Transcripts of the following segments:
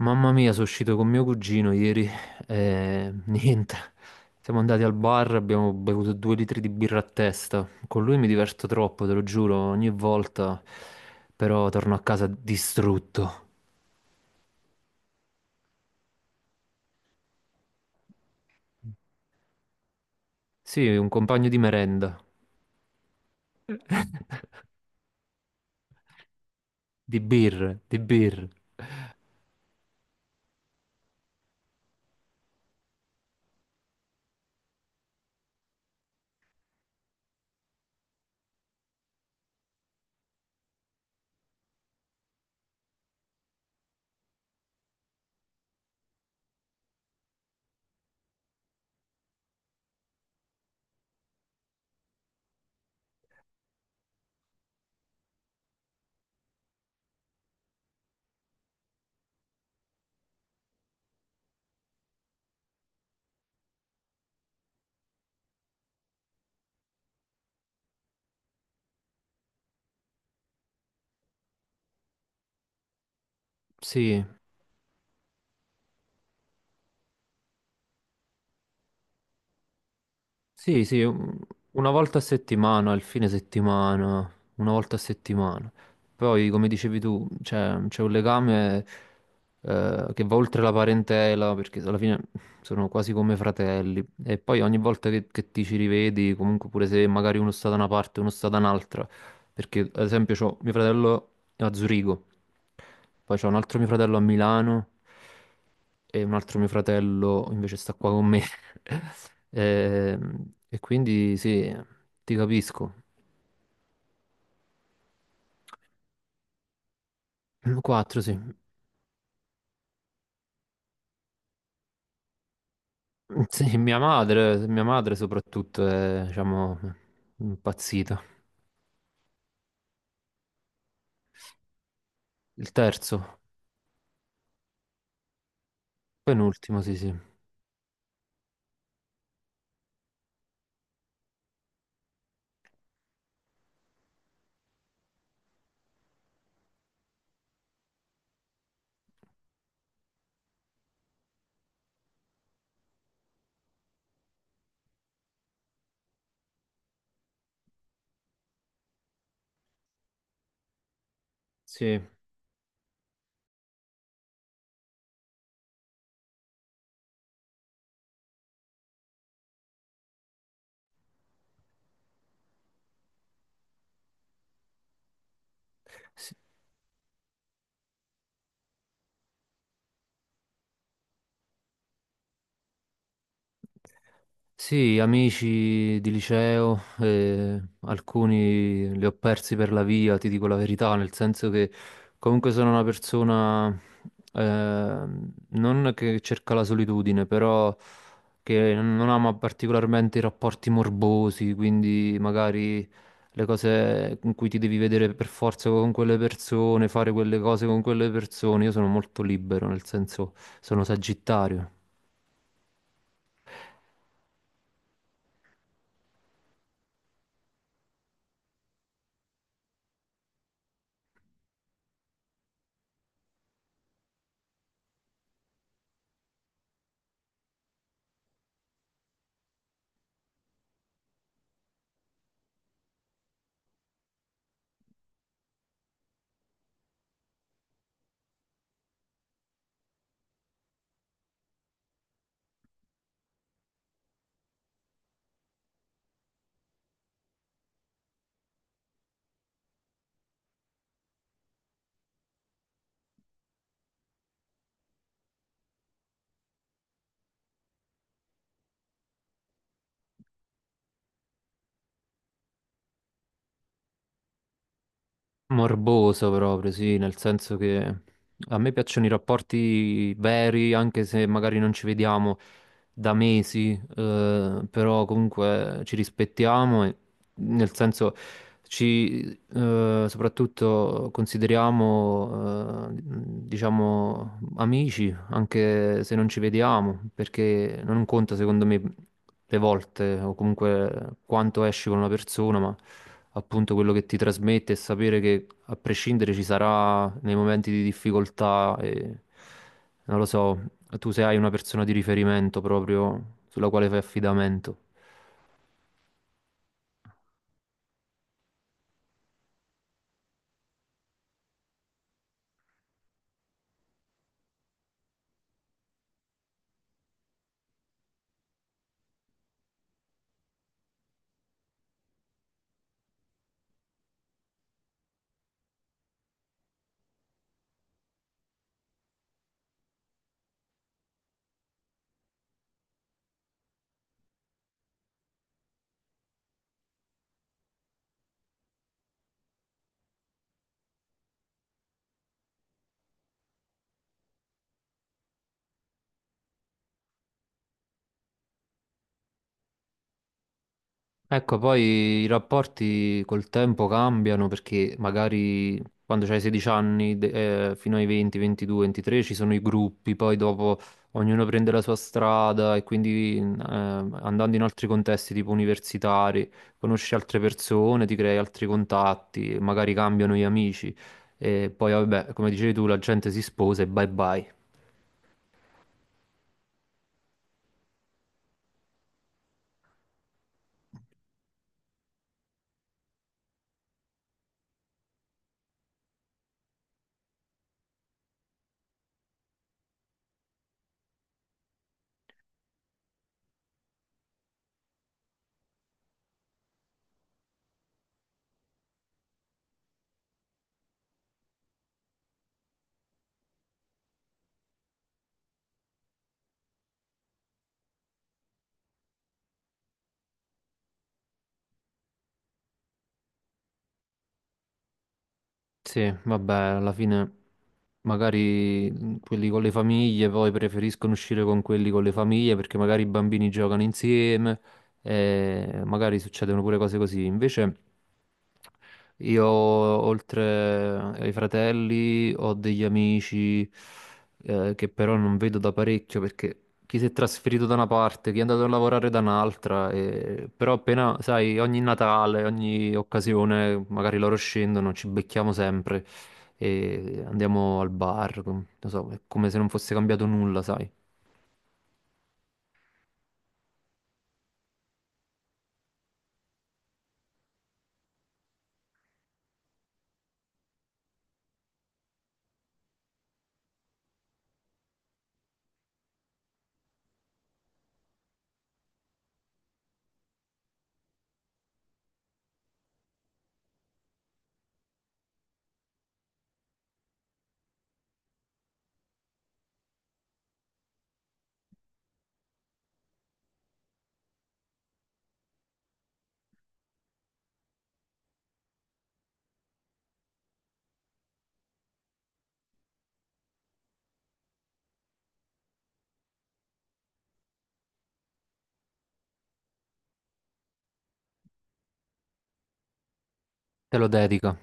Mamma mia, sono uscito con mio cugino ieri e niente. Siamo andati al bar, abbiamo bevuto due litri di birra a testa. Con lui mi diverto troppo, te lo giuro, ogni volta, però torno a casa distrutto. Sì, un compagno di merenda, di birre, di birre. Sì, sì, una volta a settimana, il fine settimana, una volta a settimana. Poi, come dicevi tu, c'è un legame, che va oltre la parentela, perché alla fine sono quasi come fratelli. E poi ogni volta che ti ci rivedi, comunque pure se magari uno sta da una parte e uno sta da un'altra, perché ad esempio c'ho mio fratello a Zurigo, poi c'ho un altro mio fratello a Milano e un altro mio fratello invece sta qua con me. E quindi sì, ti capisco. Quattro, sì. Sì, mia madre soprattutto è, diciamo, impazzita. Il terzo, penultimo, sì, sì. Sì. Sì. Sì, amici di liceo, alcuni li ho persi per la via, ti dico la verità, nel senso che comunque sono una persona, eh, non che cerca la solitudine, però che non ama particolarmente i rapporti morbosi, quindi magari le cose in cui ti devi vedere per forza con quelle persone, fare quelle cose con quelle persone. Io sono molto libero, nel senso sono sagittario. Morboso proprio, sì, nel senso che a me piacciono i rapporti veri, anche se magari non ci vediamo da mesi, però comunque ci rispettiamo e, nel senso, ci soprattutto consideriamo, diciamo, amici anche se non ci vediamo, perché non conta secondo me le volte o comunque quanto esci con una persona, ma appunto quello che ti trasmette e sapere che a prescindere ci sarà nei momenti di difficoltà e non lo so, tu se hai una persona di riferimento proprio sulla quale fai affidamento. Ecco, poi i rapporti col tempo cambiano perché magari quando c'hai 16 anni, fino ai 20, 22, 23 ci sono i gruppi, poi dopo ognuno prende la sua strada e quindi andando in altri contesti tipo universitari, conosci altre persone, ti crei altri contatti, magari cambiano gli amici e poi vabbè, come dicevi tu, la gente si sposa e bye bye. Sì, vabbè, alla fine magari quelli con le famiglie poi preferiscono uscire con quelli con le famiglie perché magari i bambini giocano insieme e magari succedono pure cose così. Invece io, oltre ai fratelli, ho degli amici, che però non vedo da parecchio perché chi si è trasferito da una parte, chi è andato a lavorare da un'altra, però appena, sai, ogni Natale, ogni occasione, magari loro scendono, ci becchiamo sempre e andiamo al bar, non so, è come se non fosse cambiato nulla, sai. Te lo dedica,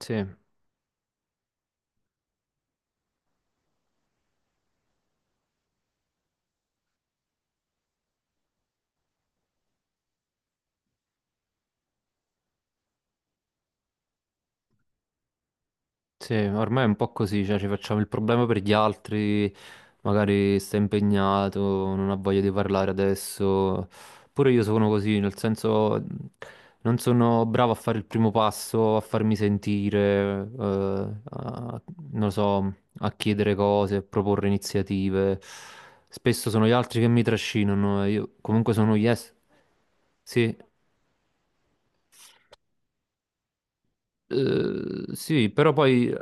sì. Sì, ormai è un po' così, cioè ci facciamo il problema per gli altri, magari sta impegnato, non ha voglia di parlare adesso. Pure io sono così, nel senso non sono bravo a fare il primo passo, a farmi sentire, a- non lo so, a chiedere cose, a proporre iniziative. Spesso sono gli altri che mi trascinano, e io comunque sono yes. Sì. Eh, sì, però poi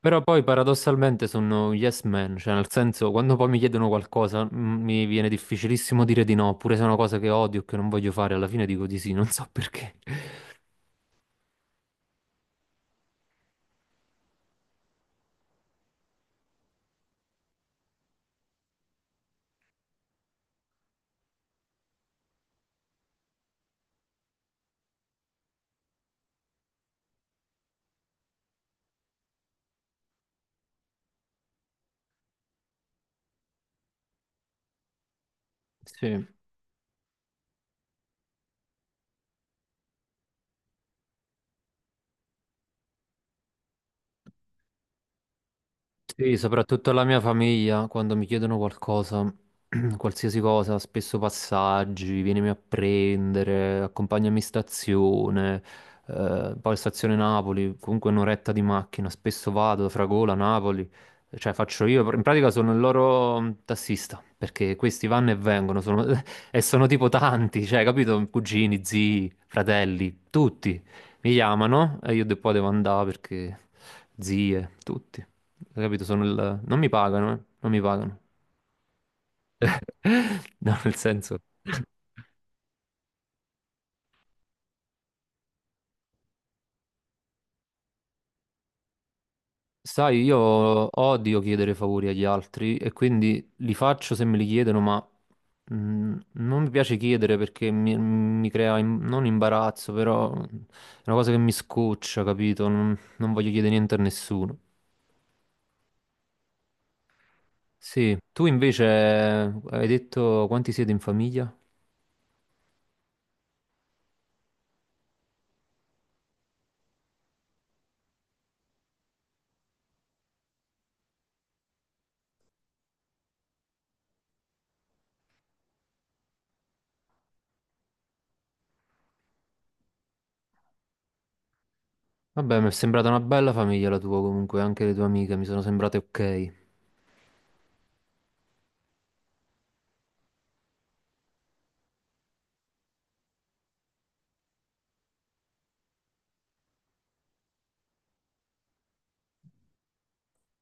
Però poi paradossalmente sono un yes man, cioè nel senso quando poi mi chiedono qualcosa, mi viene difficilissimo dire di no, pure se è una cosa che odio, che non voglio fare, alla fine dico di sì, non so perché. Sì. Sì, soprattutto la mia famiglia, quando mi chiedono qualcosa, qualsiasi cosa, spesso passaggi, vienimi a prendere, accompagnami in stazione, poi stazione Napoli, comunque un'oretta di macchina, spesso vado, da Fragola, Napoli, cioè faccio io, in pratica sono il loro, tassista, perché questi vanno e vengono, sono- e sono tipo tanti, cioè, capito? Cugini, zii, fratelli, tutti mi chiamano e io poi devo andare perché zie, tutti. Hai capito? Sono il... Non mi pagano, eh? Non mi pagano. No, nel senso... Sai, io odio chiedere favori agli altri e quindi li faccio se me li chiedono, ma mm, non mi piace chiedere perché mi crea non imbarazzo, però è una cosa che mi scoccia, capito? Non voglio chiedere niente a nessuno. Sì, tu invece, hai detto quanti siete in famiglia? Vabbè, mi è sembrata una bella famiglia la tua comunque, anche le tue amiche mi sono sembrate ok.